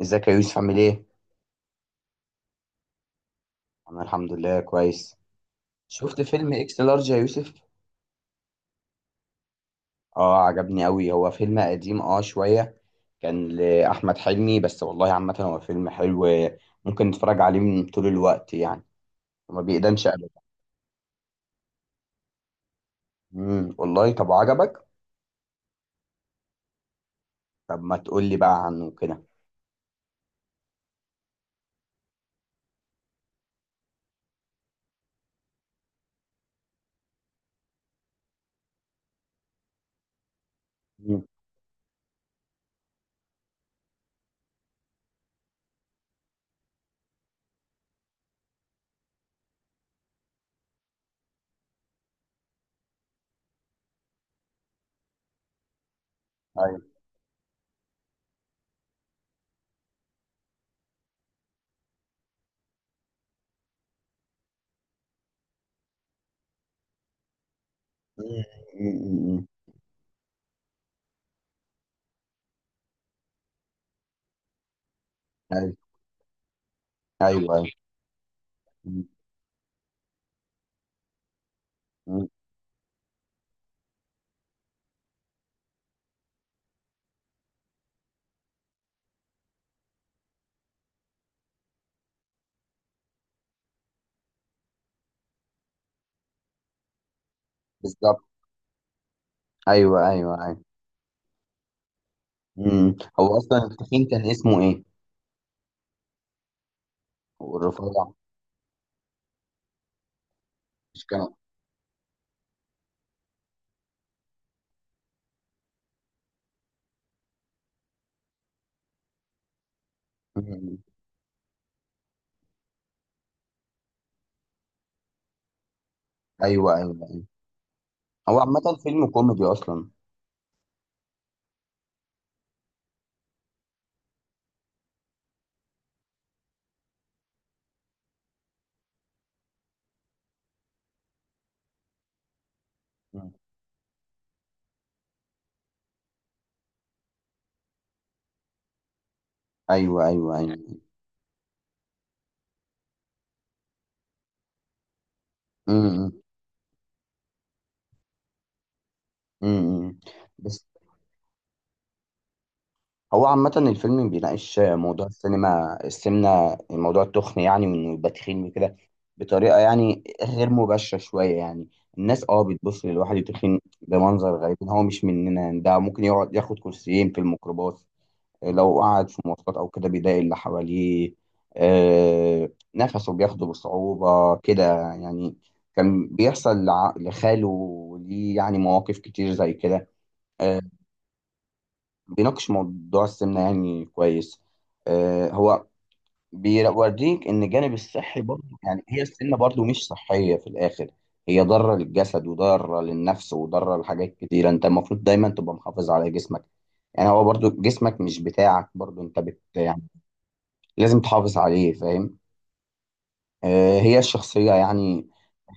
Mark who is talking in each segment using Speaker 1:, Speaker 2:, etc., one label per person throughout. Speaker 1: ازيك يا يوسف عامل ايه؟ انا الحمد لله كويس. شفت فيلم اكس لارج يا يوسف؟ اه، عجبني قوي. هو فيلم قديم شوية. كان لأحمد حلمي بس والله. عامة هو فيلم حلو، ممكن نتفرج عليه من طول الوقت يعني، وما بيقدمش ابدا. والله، طب عجبك؟ طب ما تقول لي بقى عنه كده. امم. ايوه. مم، مم، مم، مم. ايوه ايوه أيوه. مم، مم. بالظبط. ايوه ايوه ايوه. مم. هو اصلا التخين كان اسمه ايه؟ والرفيع؟ مش كان. ايوه ايوه ايوه. هو عامة فيلم كوميدي اصلا. مم. ايوه ايوه ايوه. امم. امم. بس هو عامة الفيلم بيناقش موضوع السينما، السمنة، موضوع التخن يعني، وانه يبقى تخين وكده، بطريقة يعني غير مباشرة شوية يعني. الناس اه بتبص للواحد التخين بمنظر غريب إن هو مش مننا، يعني ده ممكن يقعد ياخد كرسيين في الميكروباص. لو قعد في مواصلات او كده بيضايق اللي حواليه. نفسه بياخده بصعوبة كده يعني. كان بيحصل لخاله ليه يعني مواقف كتير زي كده. آه، بيناقش موضوع السمنة يعني كويس. هو بيوريك ان الجانب الصحي برضه، يعني هي السمنة برضه مش صحية في الاخر. هي ضارة للجسد وضارة للنفس وضارة لحاجات كتيرة، انت المفروض دايما تبقى محافظ على جسمك. يعني هو برضو جسمك مش بتاعك، برضو انت بت يعني لازم تحافظ عليه، فاهم. هي الشخصية يعني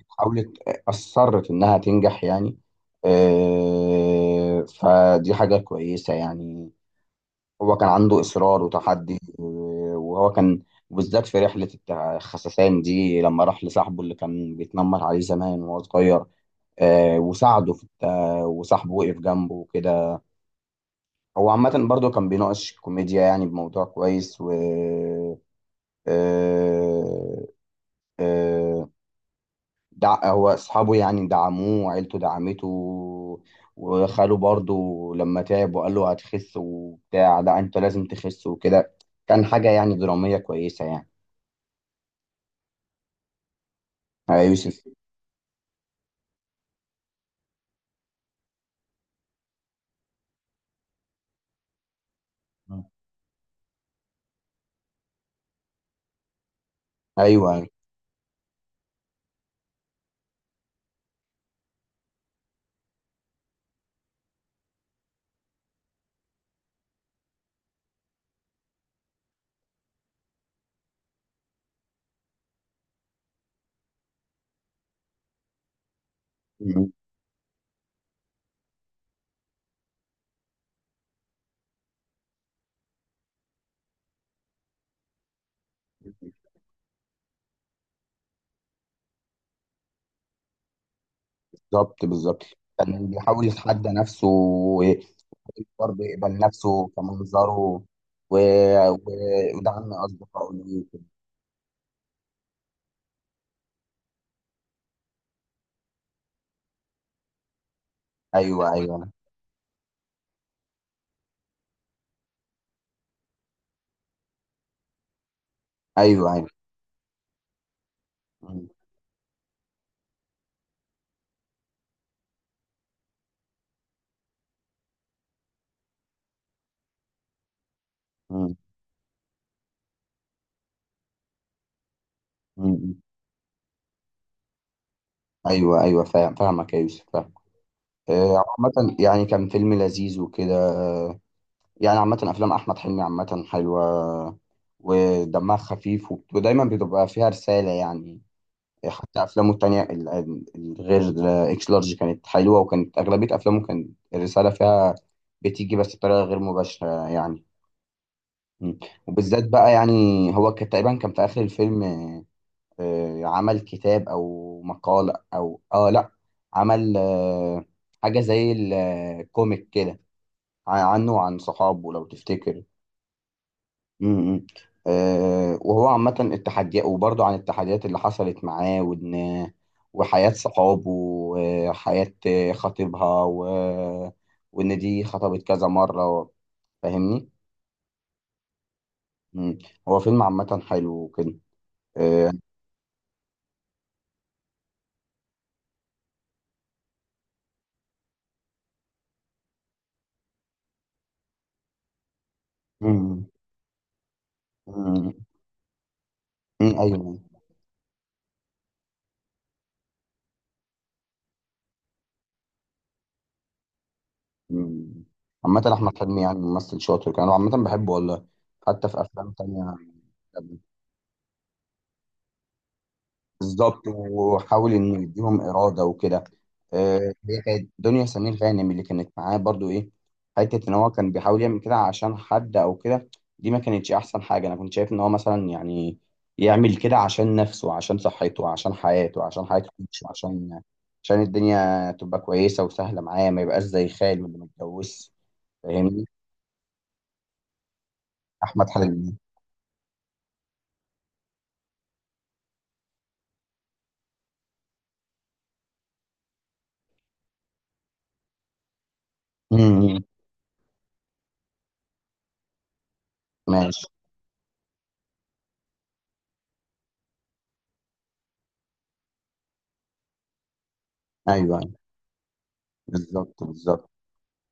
Speaker 1: حاولت، أصرت إنها تنجح يعني. فدي حاجة كويسة يعني. هو كان عنده إصرار وتحدي وهو كان بالذات في رحلة الخسسان دي، لما راح لصاحبه اللي كان بيتنمر عليه زمان وهو صغير. وساعده في وصاحبه وقف جنبه وكده. هو عامة برضه كان بيناقش كوميديا يعني بموضوع كويس و آه، آه، هو اصحابه يعني دعموه وعيلته دعمته، وخاله برضه لما تعب وقال له هتخس وبتاع لا انت لازم تخس وكده. كان حاجة يعني درامية كويسة يعني، يا يوسف. ايوه. م- بالظبط بالظبط. كان بيحاول يتحدى نفسه، وبرضه يقبل نفسه كمنظره و... و... ودعم اصدقائه ليه وكده. ايوه ايوه ايوه ايوه. م- م- م- ايوه ايوه، فاهم، فاهمك يا يوسف، فاهم. عامة يعني كان فيلم لذيذ وكده. يعني عامة أفلام أحمد حلمي عامة حلوة، ودمها خفيف، ودايما بتبقى فيها رسالة يعني. حتى أفلامه التانية الغير إكس لارج كانت حلوة، وكانت أغلبية أفلامه كانت الرسالة فيها بتيجي بس بطريقة غير مباشرة يعني. م. وبالذات بقى يعني هو كان تقريبا كان في آخر الفيلم، عمل كتاب أو مقالة أو لأ، عمل حاجة زي الكوميك كده، عنه وعن صحابه لو تفتكر. امم. أه، وهو عامة التحديات، وبرضه عن التحديات اللي حصلت معاه، وإن وحياة صحابه وحياة خطيبها وإن دي خطبت كذا مرة. فاهمني؟ مم. هو فيلم عامة حلو وكده، أه. مم. مم. مم. أيوه. مم. عامة أحمد حلمي يعني ممثل شاطر كان، وعامة بحبه والله، حتى في أفلام تانية. بالظبط، وحاول انه يديهم اراده وكده. هي كانت دنيا سمير غانم اللي كانت معاه برضو ايه، حته ان هو كان بيحاول يعمل كده عشان حد او كده. دي ما كانتش احسن حاجه، انا كنت شايف ان هو مثلا يعني يعمل كده عشان نفسه، عشان صحته، عشان حياته، عشان حياته تمشي، عشان عشان الدنيا تبقى كويسه وسهله معاه، ما يبقاش زي خال اللي متجوز. فاهمني. احمد حلمي. امم. ماشي. ايوه أيوه. بالظبط بالظبط.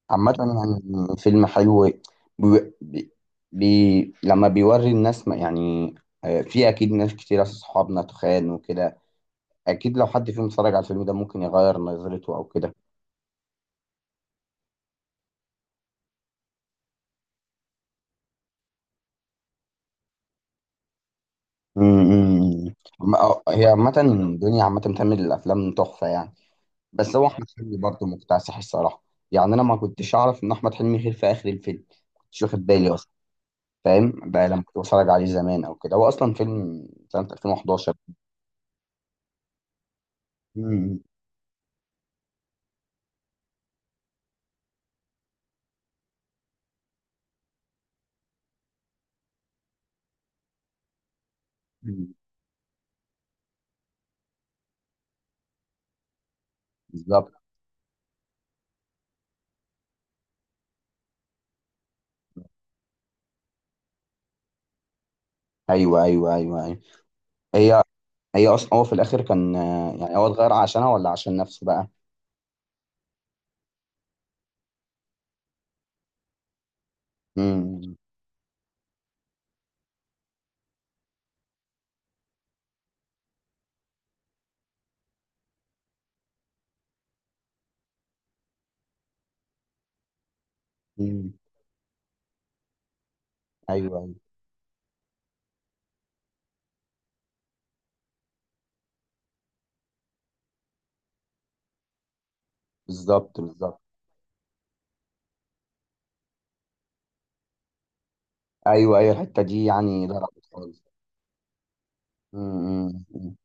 Speaker 1: عامة يعني فيلم حلو. بي... بي... لما بيوري الناس ما يعني، في أكيد ناس كتير أصحابنا تخان وكده، أكيد لو حد فيهم اتفرج على الفيلم ده ممكن يغير نظرته أو كده. أمم. هي عامة الدنيا عامة بتعمل الأفلام تحفة يعني، بس هو أحمد حلمي برضه مكتسح الصراحة. يعني أنا ما كنتش أعرف إن أحمد حلمي خير في آخر الفيلم، كنتش واخد بالي أصلا. فاهم بقى لما كنت بتفرج عليه زمان أو كده، هو أصلا فيلم سنة 2011. أمم. بالظبط. ايوه ايوه ايوه ايوه. هي هي اصلا هو في الاخر كان، يعني هو اتغير عشانها ولا عشان نفسه بقى. امم. امم. ايوه ايوه. بالظبط بالظبط. ايوه ايوه، الحته دي يعني ضربت خالص. امم. أمم، أمم.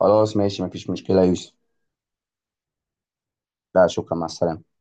Speaker 1: خلاص ماشي، مفيش مشكله يا يوسف. لا شكرا، مع السلامه.